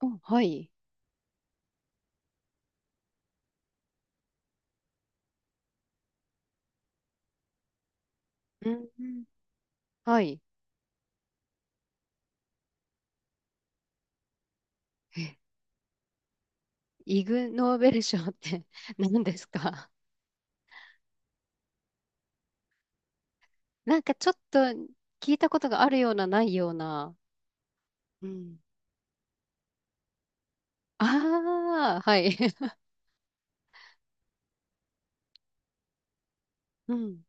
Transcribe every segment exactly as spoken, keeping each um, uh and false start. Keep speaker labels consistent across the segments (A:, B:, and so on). A: お、はい。うんうん、はい。えイグ・ノーベル賞って 何ですか？なんかちょっと聞いたことがあるような、ないような。うん。ああ、はい。うん。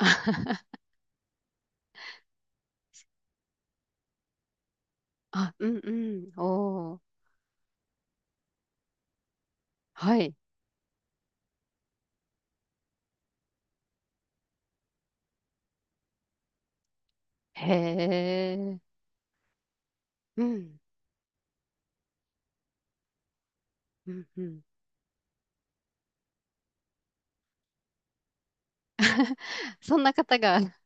A: あ、うんうん。おー、はい。へえ。うん。うんうん。そんな方が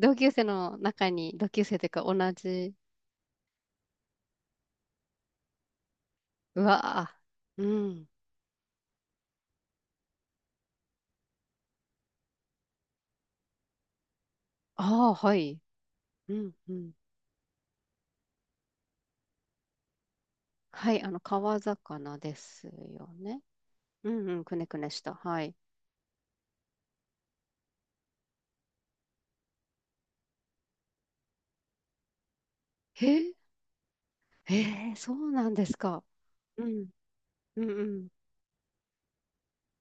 A: 同級生の中に、同級生というか同じ。うわあ。うん。ああ、はい。うんうん。はい。あの、川魚ですよね。うんうん、くねくねした。はい。へえ、へえ、そうなんですか。うん、うん、うん。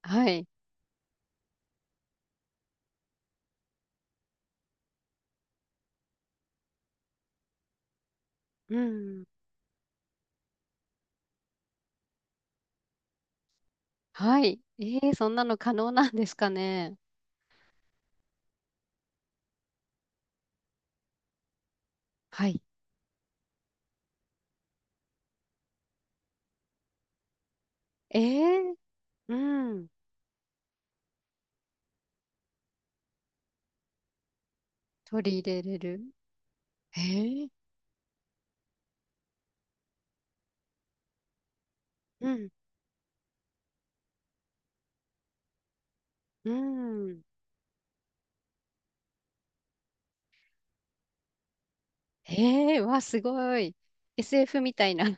A: はい。うん。はい。ええ、そんなの可能なんですかね？はい。ええ、うん。取り入れれる。へえ、うん、うん。へえ、わ、すごい。エスエフ みたいな。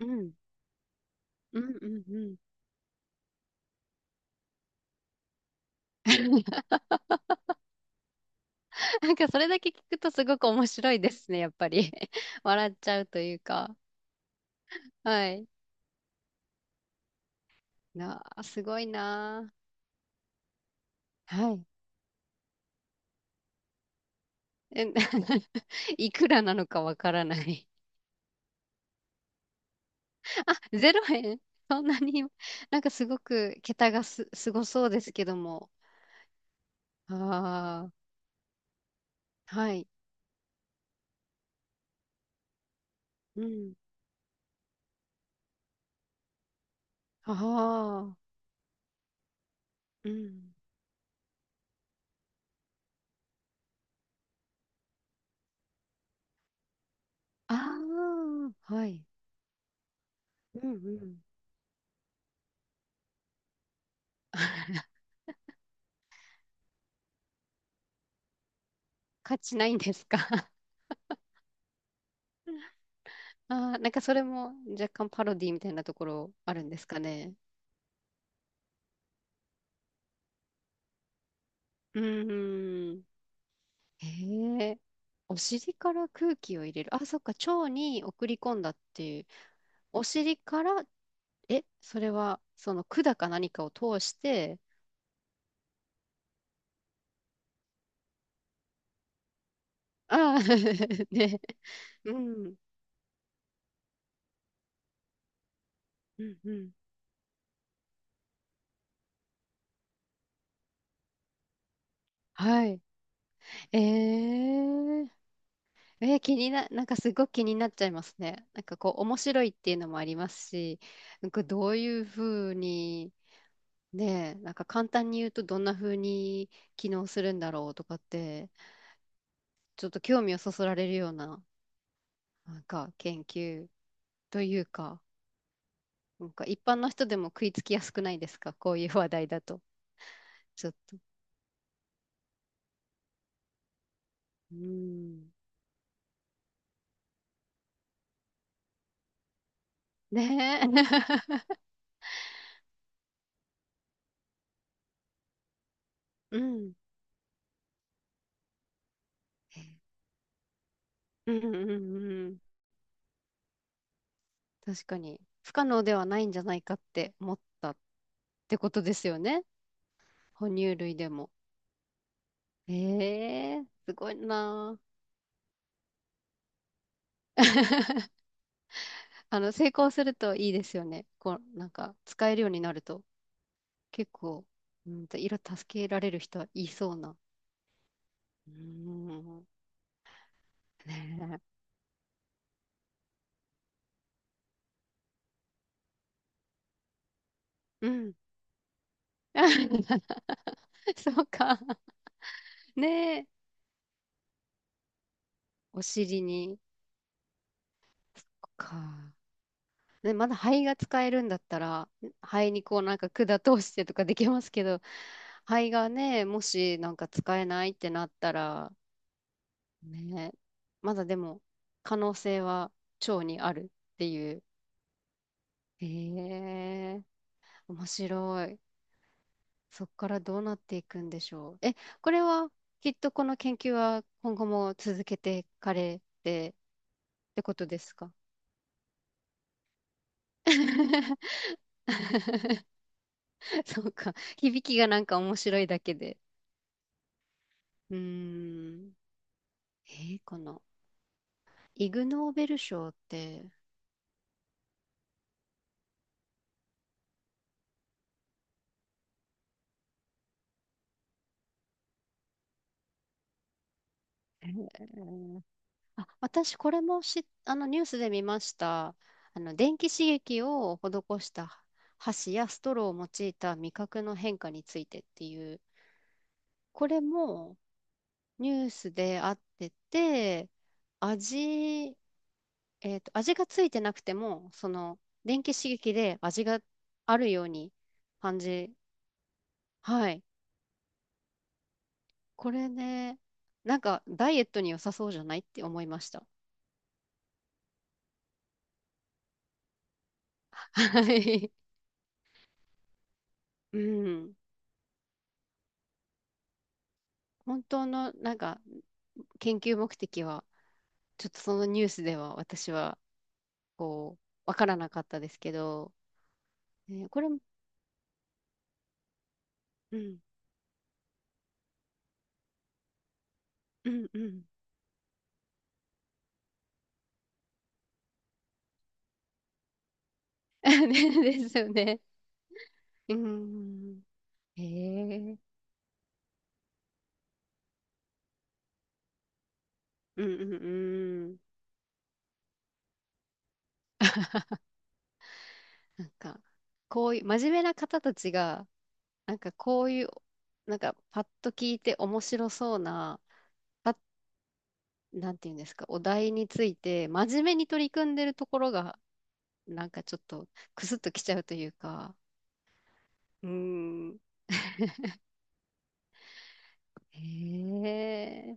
A: うん、うん、うん、うん。なんかそれだけ聞くとすごく面白いですね、やっぱり。笑っちゃうというか。はい。なあ、すごいなあ。はい。え、いくらなのかわからない。ゼロ円 そんなに、なんかすごく桁がす、すごそうですけども。ああ、はい。うん。ああ、うん。ああ、はい。うんうん。価値ないんですか？ ああ、なんかそれも若干パロディみたいなところあるんですかね？うんうん。へえ。お尻から空気を入れる。あ、そっか。腸に送り込んだっていう。お尻から、え、それは、その管か何かを通して。ああ、ね、うん、うん、うん。はい。えー、えー気にな、なんかすごく気になっちゃいますね。なんかこう、面白いっていうのもありますし、なんかどういうふうに、ねえ、なんか簡単に言うとどんなふうに機能するんだろうとかって、ちょっと興味をそそられるような、なんか研究というか、なんか一般の人でも食いつきやすくないですか？こういう話題だと。ちょっと。うーん。ねえ。うん。うんうんうんうん。確かに。不可能ではないんじゃないかって思ったってことですよね。哺乳類でも。ええ、すごいなあ。あの、成功するといいですよね。こう、なんか、使えるようになると。結構、うんと、色助けられる人はいそうな。うーん。ねえ。うん。そうか。ねえ。お尻に。そっか。ね、まだ肺が使えるんだったら、肺にこうなんか管通してとかできますけど、肺がね、もしなんか使えないってなったら、ね、まだでも可能性は腸にあるっていう。へえ、面白い。そこからどうなっていくんでしょう。え、これはきっとこの研究は今後も続けていかれてってことですか？ そうか。響きがなんか面白いだけで。うーん。えーこのイグ・ノーベル賞って、えーあ、私これもし、あのニュースで見ました。あの電気刺激を施した箸やストローを用いた味覚の変化についてっていう、これもニュースであってて、味、えっと、味がついてなくても、その、電気刺激で味があるように感じ、はい。これね、なんか、ダイエットに良さそうじゃないって思いました。はい。うん。本当の、なんか、研究目的は、ちょっとそのニュースでは私は、こう、わからなかったですけど、ね、これも、うん、うん、うん。ねですよね。うん。へえ。うんうんうん。なんか、こういう、真面目な方たちが、なんかこういう、なんかパッと聞いて面白そうな、パなんていうんですか、お題について、真面目に取り組んでるところが、なんかちょっと、くすっときちゃうというか、うん。へえ、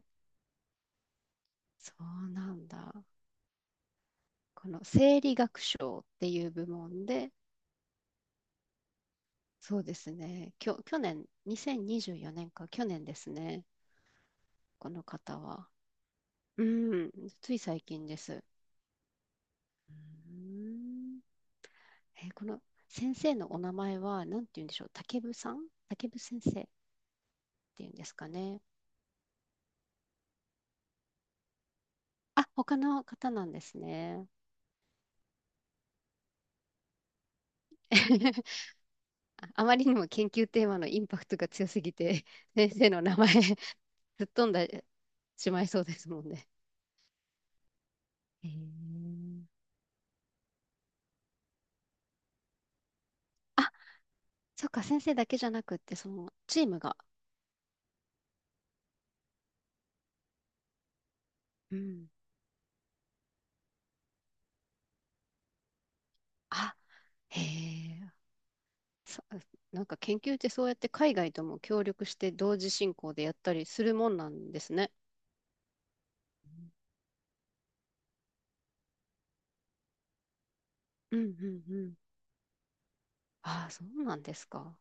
A: そうなんだ。この生理学賞っていう部門で、そうですね、きょ、去年、にせんにじゅうよねんか、去年ですね、この方は。うん、つい最近です。うーん。えーこの先生のお名前は何て言うんでしょう、竹部さん竹部先生っていうんですかね。あ、他の方なんですね。ああまりにも研究テーマのインパクトが強すぎて、先生の名前吹っ飛んでしまいそうですもんね。へー、あ、そっか、先生だけじゃなくって、そのチームが。うん。あ、へえ、さなんか研究ってそうやって海外とも協力して同時進行でやったりするもんなんですね。うんうんうん。ああ、そうなんですか。